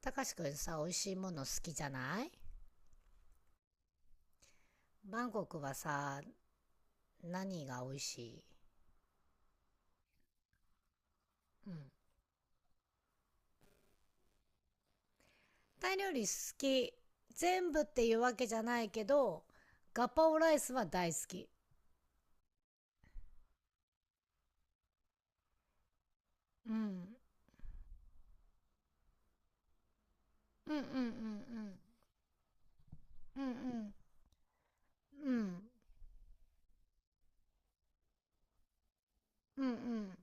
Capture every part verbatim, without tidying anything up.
たかしくんさ、美味しいもの好きじゃない？バンコクはさ、何が美味しい？うん。タイ料理好き。全部っていうわけじゃないけど、ガパオライスは大好き。うん。うん、うん、うん、うん。うん、うん。うん。うん、うん。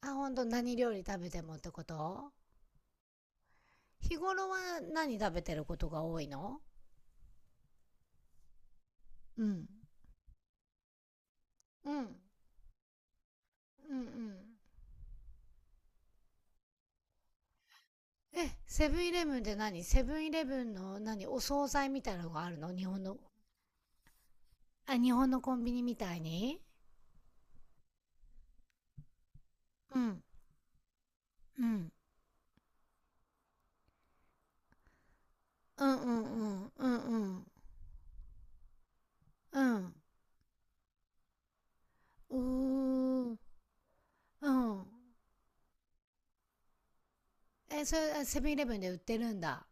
あ、ほんと？何料理食べてもってこと？日頃は何食べてることが多いの？うん。うん。うん、うん。え、セブンイレブンで何？セブンイレブンの何、お惣菜みたいなのがあるの、日本の？あ、日本のコンビニみたいに？うん。うん。うん、うん、うん。うん、うん。うん。うーん。うん。え、それ、あ、セブンイレブンで売ってるんだ。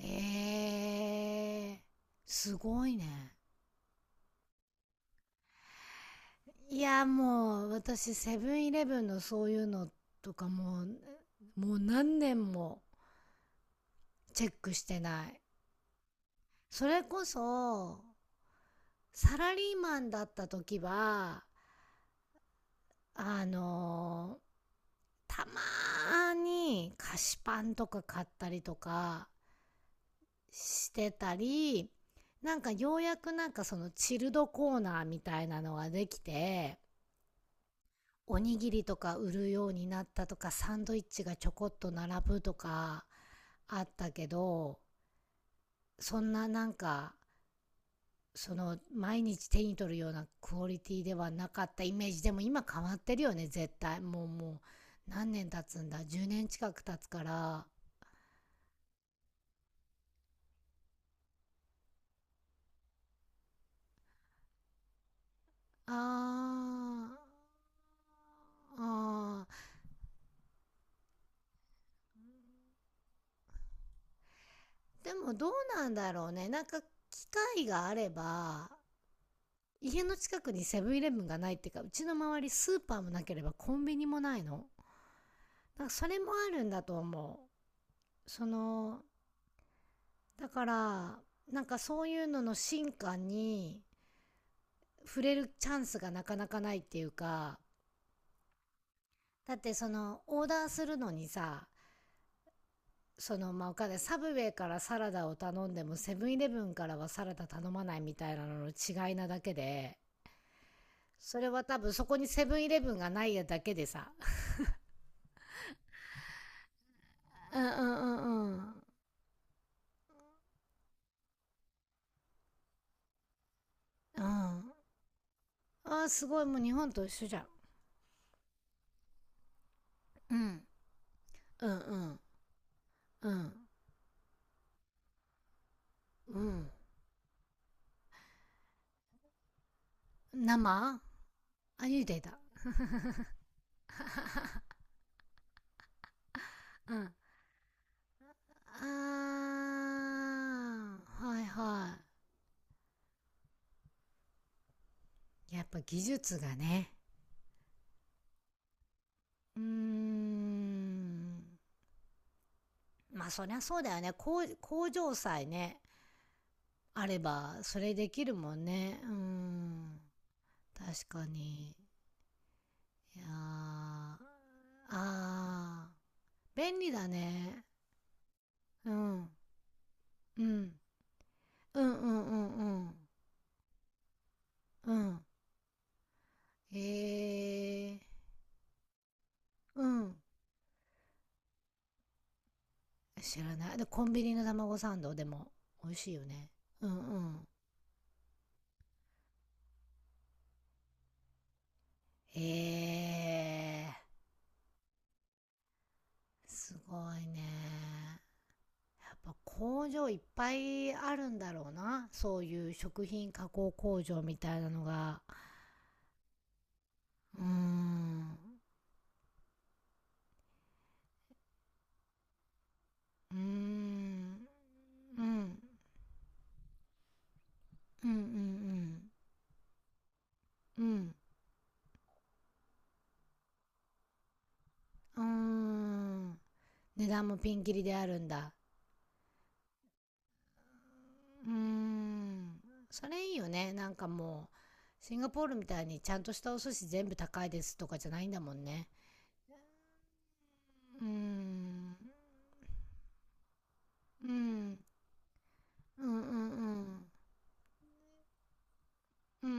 え、えー。すごいね。いや、もう、私、セブンイレブンのそういうのとかもう、もう何年もチェックしてない。それこそ、サラリーマンだった時は、あのーたまーに菓子パンとか買ったりとかしてたり、なんかようやくなんかそのチルドコーナーみたいなのができて、おにぎりとか売るようになったとか、サンドイッチがちょこっと並ぶとかあったけど、そんななんかその毎日手に取るようなクオリティではなかったイメージ。でも今変わってるよね、絶対。もうもう何年経つんだ、じゅうねん近く経つから。あー、あー、でもどうなんだろうね。なんか機会があれば、家の近くにセブンイレブンがないっていうか、うちの周りスーパーもなければコンビニもないの。なんかそれもあるんだと思う。その、だからなんかそういうのの進化に触れるチャンスがなかなかないっていうか、だってその、オーダーするのにさ、その、まあ、お金、サブウェイからサラダを頼んでも、セブンイレブンからはサラダ頼まないみたいなのの違いなだけで、それは多分そこにセブンイレブンがないやだけでさ。うん、うん、うん、うん。うん。あー、すごい、もう日本と一緒じゃん。うん。うん、うん。うん。うん。生。あ、茹でた。うん。あー、はいはい。やっぱ技術がね。うーん。まあそりゃそうだよね。工工場さえね、あればそれできるもんね。うーん。確かに。いやー、あ、あー。便利だね。うん。うん。うん、うん、うん、うん。うん。へえー。うん。知らない。で、コンビニの卵サンドでも美味しいよね。うん、うん。へえー。すごいね。やっぱ工場いっぱいあるんだろうな。そういう食品加工工場みたいなのが。うーん。うーん。うん。うん、うん、うん。うん。うーん。値段もピンキリであるんだ。うーん。それいいよね。なんかもう、シンガポールみたいにちゃんとしたお寿司全部高いですとかじゃないんだもんね。うーん。うん。うん、うん、うん。うん、うん、う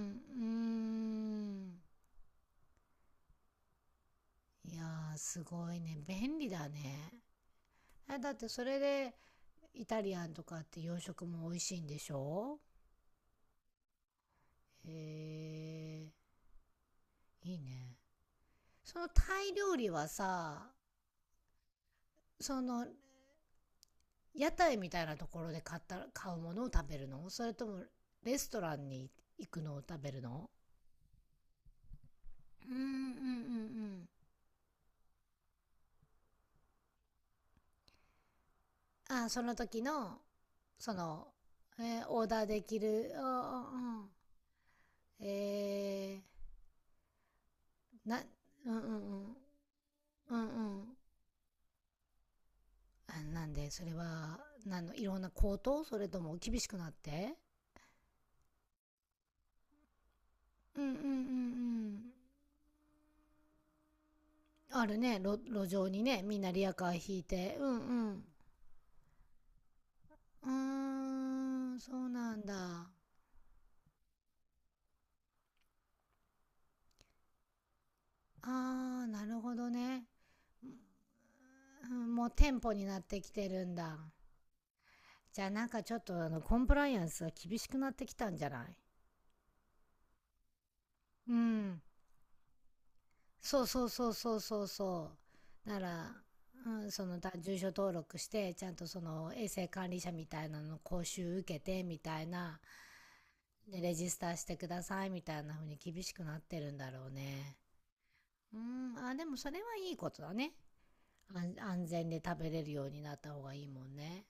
ん。うーん。いやー、すごいね。便利だね。え、だってそれで、イタリアンとかって洋食も美味しいんでしょ？へー、いいね。そのタイ料理はさ、その、屋台みたいなところで買った買うものを食べるの？それとも、レストランに行くのを食べるの？うん、うん、うん、うん。あ、その時の、その、えーオーダーできる、うん、うん。えー、な、うん、うん、うん。うん、うん。あ、なんで、それは？なんの、いろんな高騰？それとも厳しくなって？うん、うん、うん、うん。あるね、路、路上にね、みんなリヤカー引いて。うん、うん。うーん、そうなんだ。あー、なるほどね。うん、もう店舗になってきてるんだ。じゃあなんかちょっと、あの、コンプライアンスが厳しくなってきたんじゃない？うん。そうそうそうそうそうそう、なら、うん、そのだ住所登録してちゃんとその衛生管理者みたいなの講習受けてみたいな、でレジスターしてくださいみたいな風に厳しくなってるんだろうね。うん、あ、でもそれはいいことだね。安安全で食べれるようになった方がいいもんね。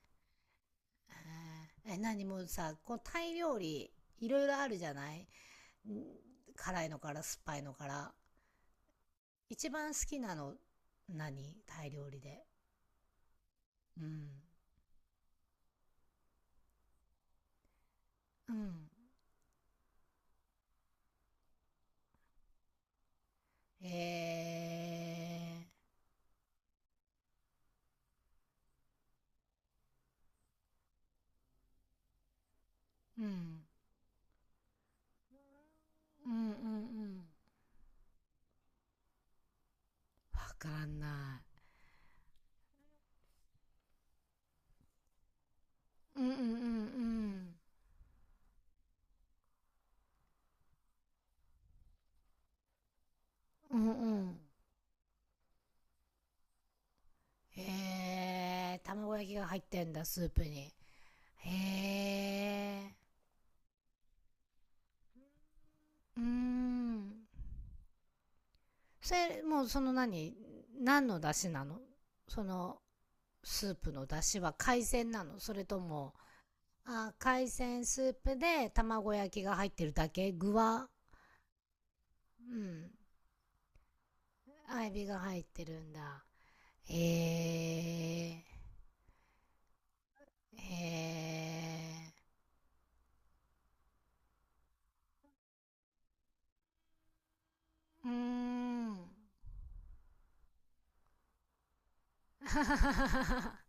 へえ、え、何？もうさ、こうタイ料理いろいろあるじゃない？ん、辛いのから酸っぱいのから、一番好きなの何？タイ料理で。うん。うん。え、えー。うん。うん、うん、うん。わかんない。うん、うん、うん、うん。うん、うん。へえー。卵焼きが入ってんだ、スープに？へえー。うーん。それ、もうその何何の出汁なの？その、スープの出汁は海鮮なの？それとも？あー、海鮮スープで卵焼きが入ってるだけ？具は？うん。アイビが入ってるんだ。へえー。へえー。うーん。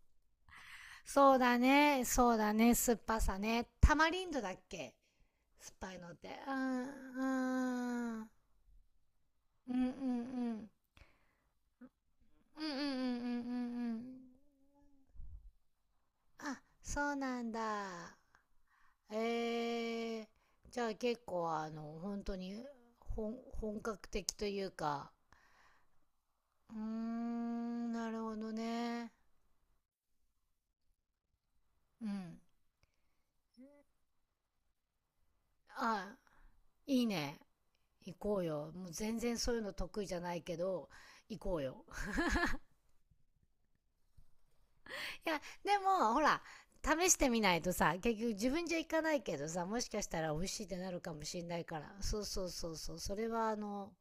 そうだね。そうだね。酸っぱさね。タマリンドだっけ、酸っぱいのって？うん、うん。うん、うん、うん。うん、うん、うん、うん、うん、うん。あ、そうなんだ。えー。じゃあ結構あの、本当に本、本格的というか、うーん、なるほどね。うん。あ、いいね。行こうよ。もう全然そういうの得意じゃないけど、行こうよ。いや、でも、ほら、試してみないとさ、結局自分じゃ行かないけどさ、もしかしたら美味しいってなるかもしれないから。そうそうそうそう。それはあの、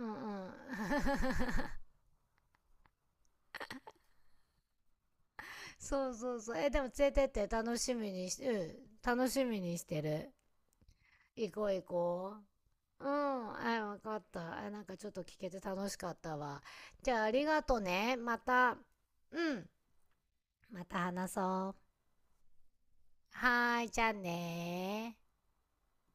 うん、うん。そうそうそう。え、でも連れてって楽しみにし、うん、楽しみにしてる。行こう行こう、ん、はい、わかった。あ、なんかちょっと聞けて楽しかったわ。じゃあ、ありがとね。また、うん、また話そう。はーい、じゃあねー。